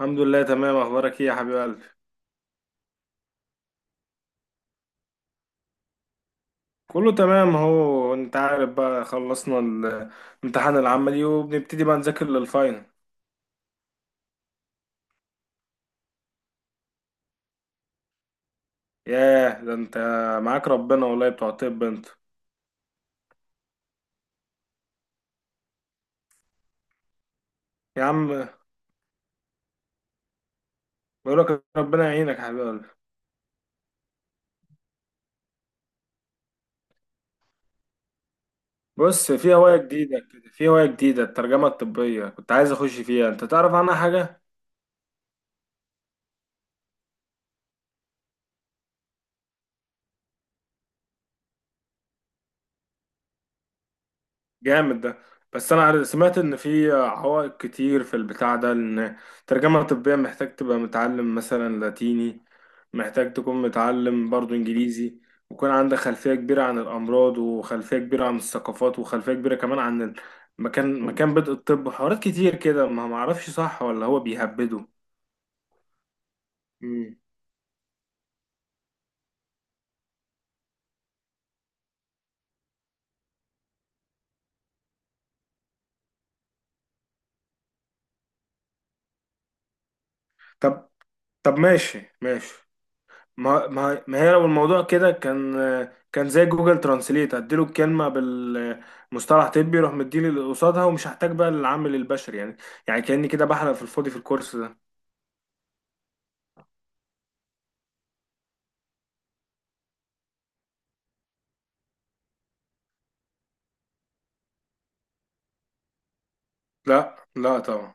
الحمد لله، تمام. اخبارك ايه يا حبيب قلبي؟ كله تمام اهو. انت عارف بقى، خلصنا الامتحان العملي وبنبتدي بقى نذاكر للفاينل. ياه ده انت معاك ربنا والله، بتوع الطب انت. يا عم بقولك ربنا يعينك يا حبيب قلبي. بص، في هواية جديدة كده، في هواية جديدة الترجمة الطبية كنت عايز اخش فيها، انت تعرف عنها حاجة؟ جامد ده. بس انا سمعت ان في عوائق كتير في البتاع ده، ان ترجمة طبية محتاج تبقى متعلم مثلا لاتيني، محتاج تكون متعلم برضو انجليزي، ويكون عندك خلفية كبيرة عن الامراض، وخلفية كبيرة عن الثقافات، وخلفية كبيرة كمان عن مكان بدء الطب. حوارات كتير كده، ما اعرفش صح ولا هو بيهبده. مم. طب طب ماشي ماشي. ما هي لو الموضوع كده كان، زي جوجل ترانسليت اديله الكلمه بالمصطلح طبي يروح مديني اللي قصادها ومش هحتاج بقى للعامل البشري يعني. كاني كده بحلق في الفاضي في الكورس ده. لا لا طبعا،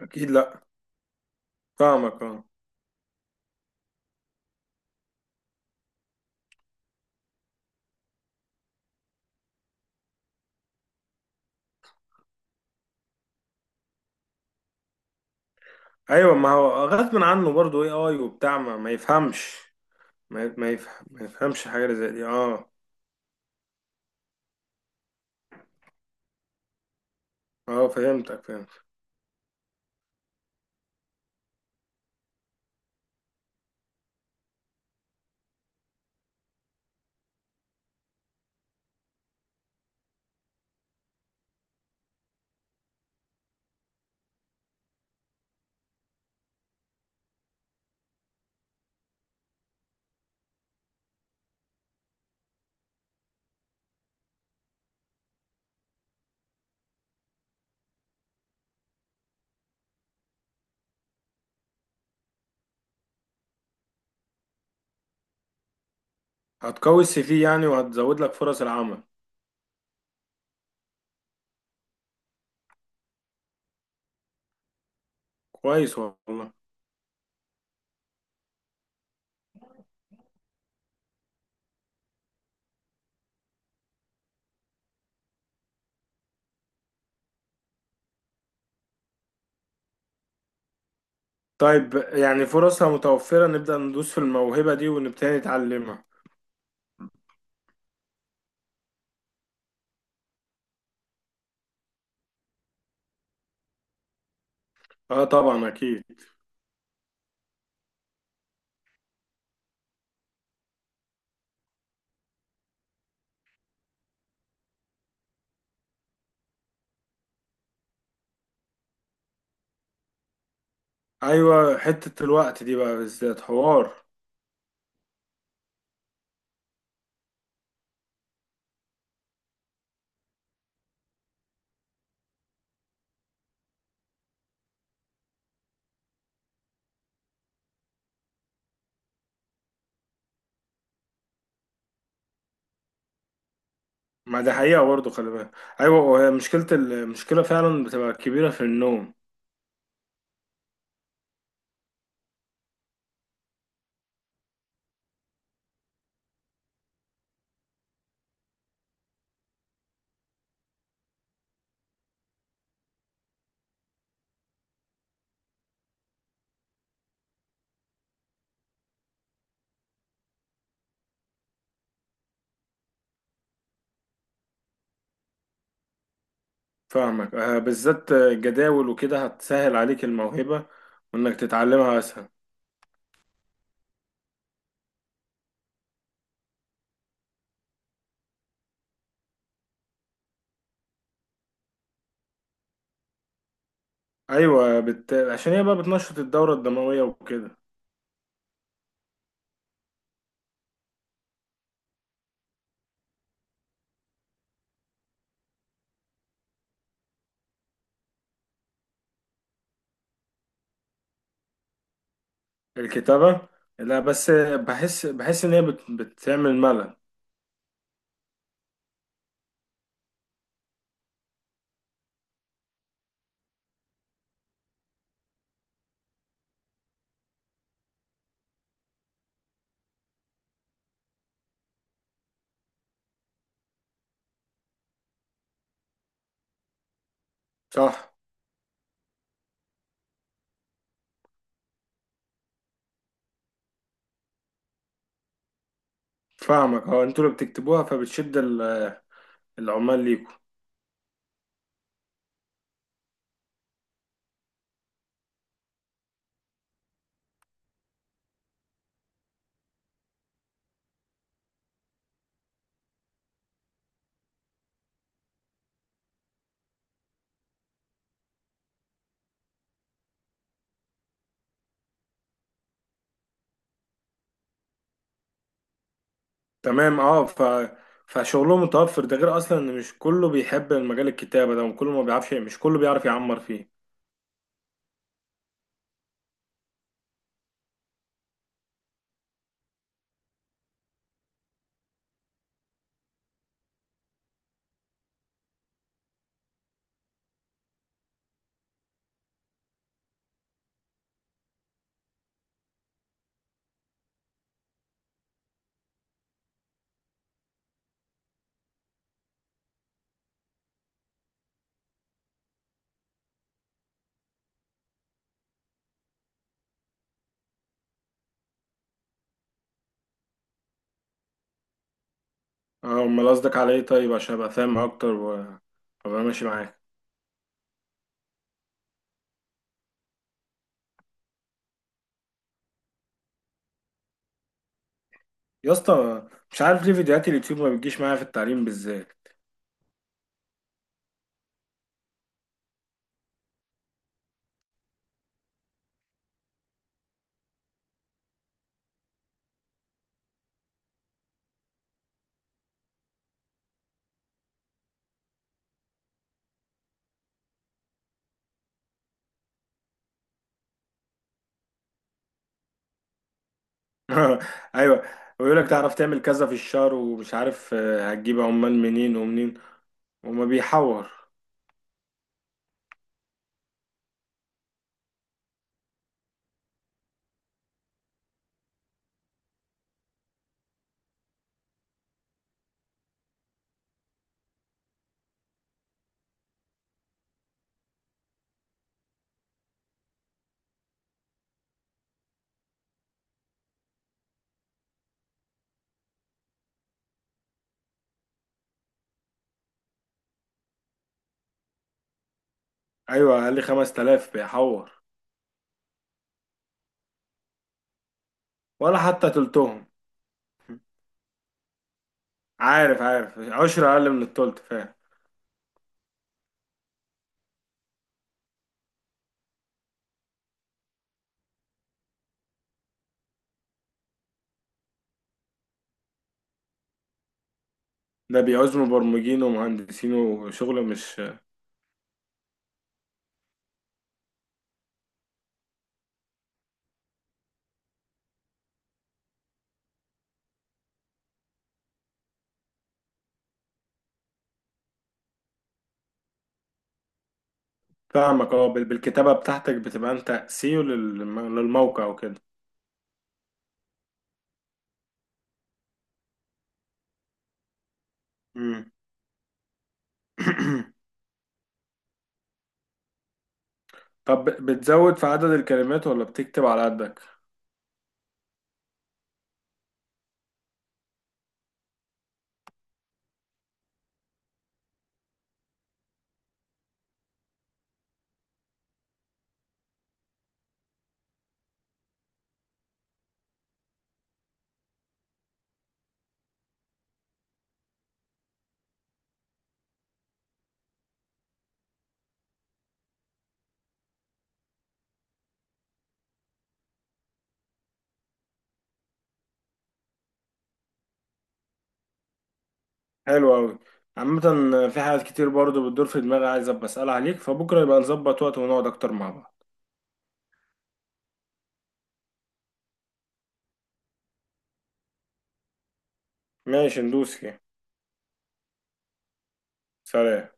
اكيد لا. فاهمك اه. ايوه ما هو غصب عنه برضه. اي اي وبتاع، ما يفهمش، ما, ما, يفهم ما يفهمش حاجه زي دي. اه اه فهمتك فهمت. هتقوي السي في يعني، وهتزود لك فرص العمل. كويس والله. طيب، يعني فرصها متوفرة، نبدأ ندوس في الموهبة دي ونبتدي نتعلمها. اه طبعا اكيد. ايوه، حتة الوقت دي بقى بالذات حوار. ما ده حقيقة برضه، خلي بالك. ايوه، وهي مشكلة، المشكلة فعلا بتبقى كبيرة في النوم. فاهمك آه، بالذات جداول وكده هتسهل عليك الموهبة وانك تتعلمها اسهل. ايوه، عشان هي بقى بتنشط الدورة الدموية وكده. الكتابة؟ لا، بس بحس، ان هي بتعمل ملل. صح. فاهمك اه، انتوا اللي بتكتبوها، فبتشد العمال ليكم. تمام اه، فشغلهم متوفر، ده غير اصلا ان مش كله بيحب المجال الكتابة ده، وكله ما بيعرفش، مش كله بيعرف يعمر فيه. اه امال قصدك على ايه؟ طيب عشان ابقى فاهم اكتر وابقى ماشي معاك. يا اسطى، مش عارف ليه فيديوهات اليوتيوب ما بتجيش معايا في التعليم بالذات. ايوه، ويقول لك تعرف تعمل كذا في الشهر ومش عارف هتجيب عمال منين ومنين. وما بيحور. ايوه اقل، 5000 بيحور. ولا حتى تلتهم. عارف عارف، عشرة أقل من التلت، فاهم. ده بيعوز مبرمجين ومهندسين وشغل، مش فاهمك اه. بالكتابة بتاعتك بتبقى أنت سيو للموقع وكده. مم. طب بتزود في عدد الكلمات ولا بتكتب على قدك؟ حلو أوي. عامة في حاجات كتير برضو بتدور في دماغي، عايز أبقى أسألها عليك. فبكرة يبقى نظبط وقت ونقعد أكتر مع بعض. ماشي، ندوس كده. سلام.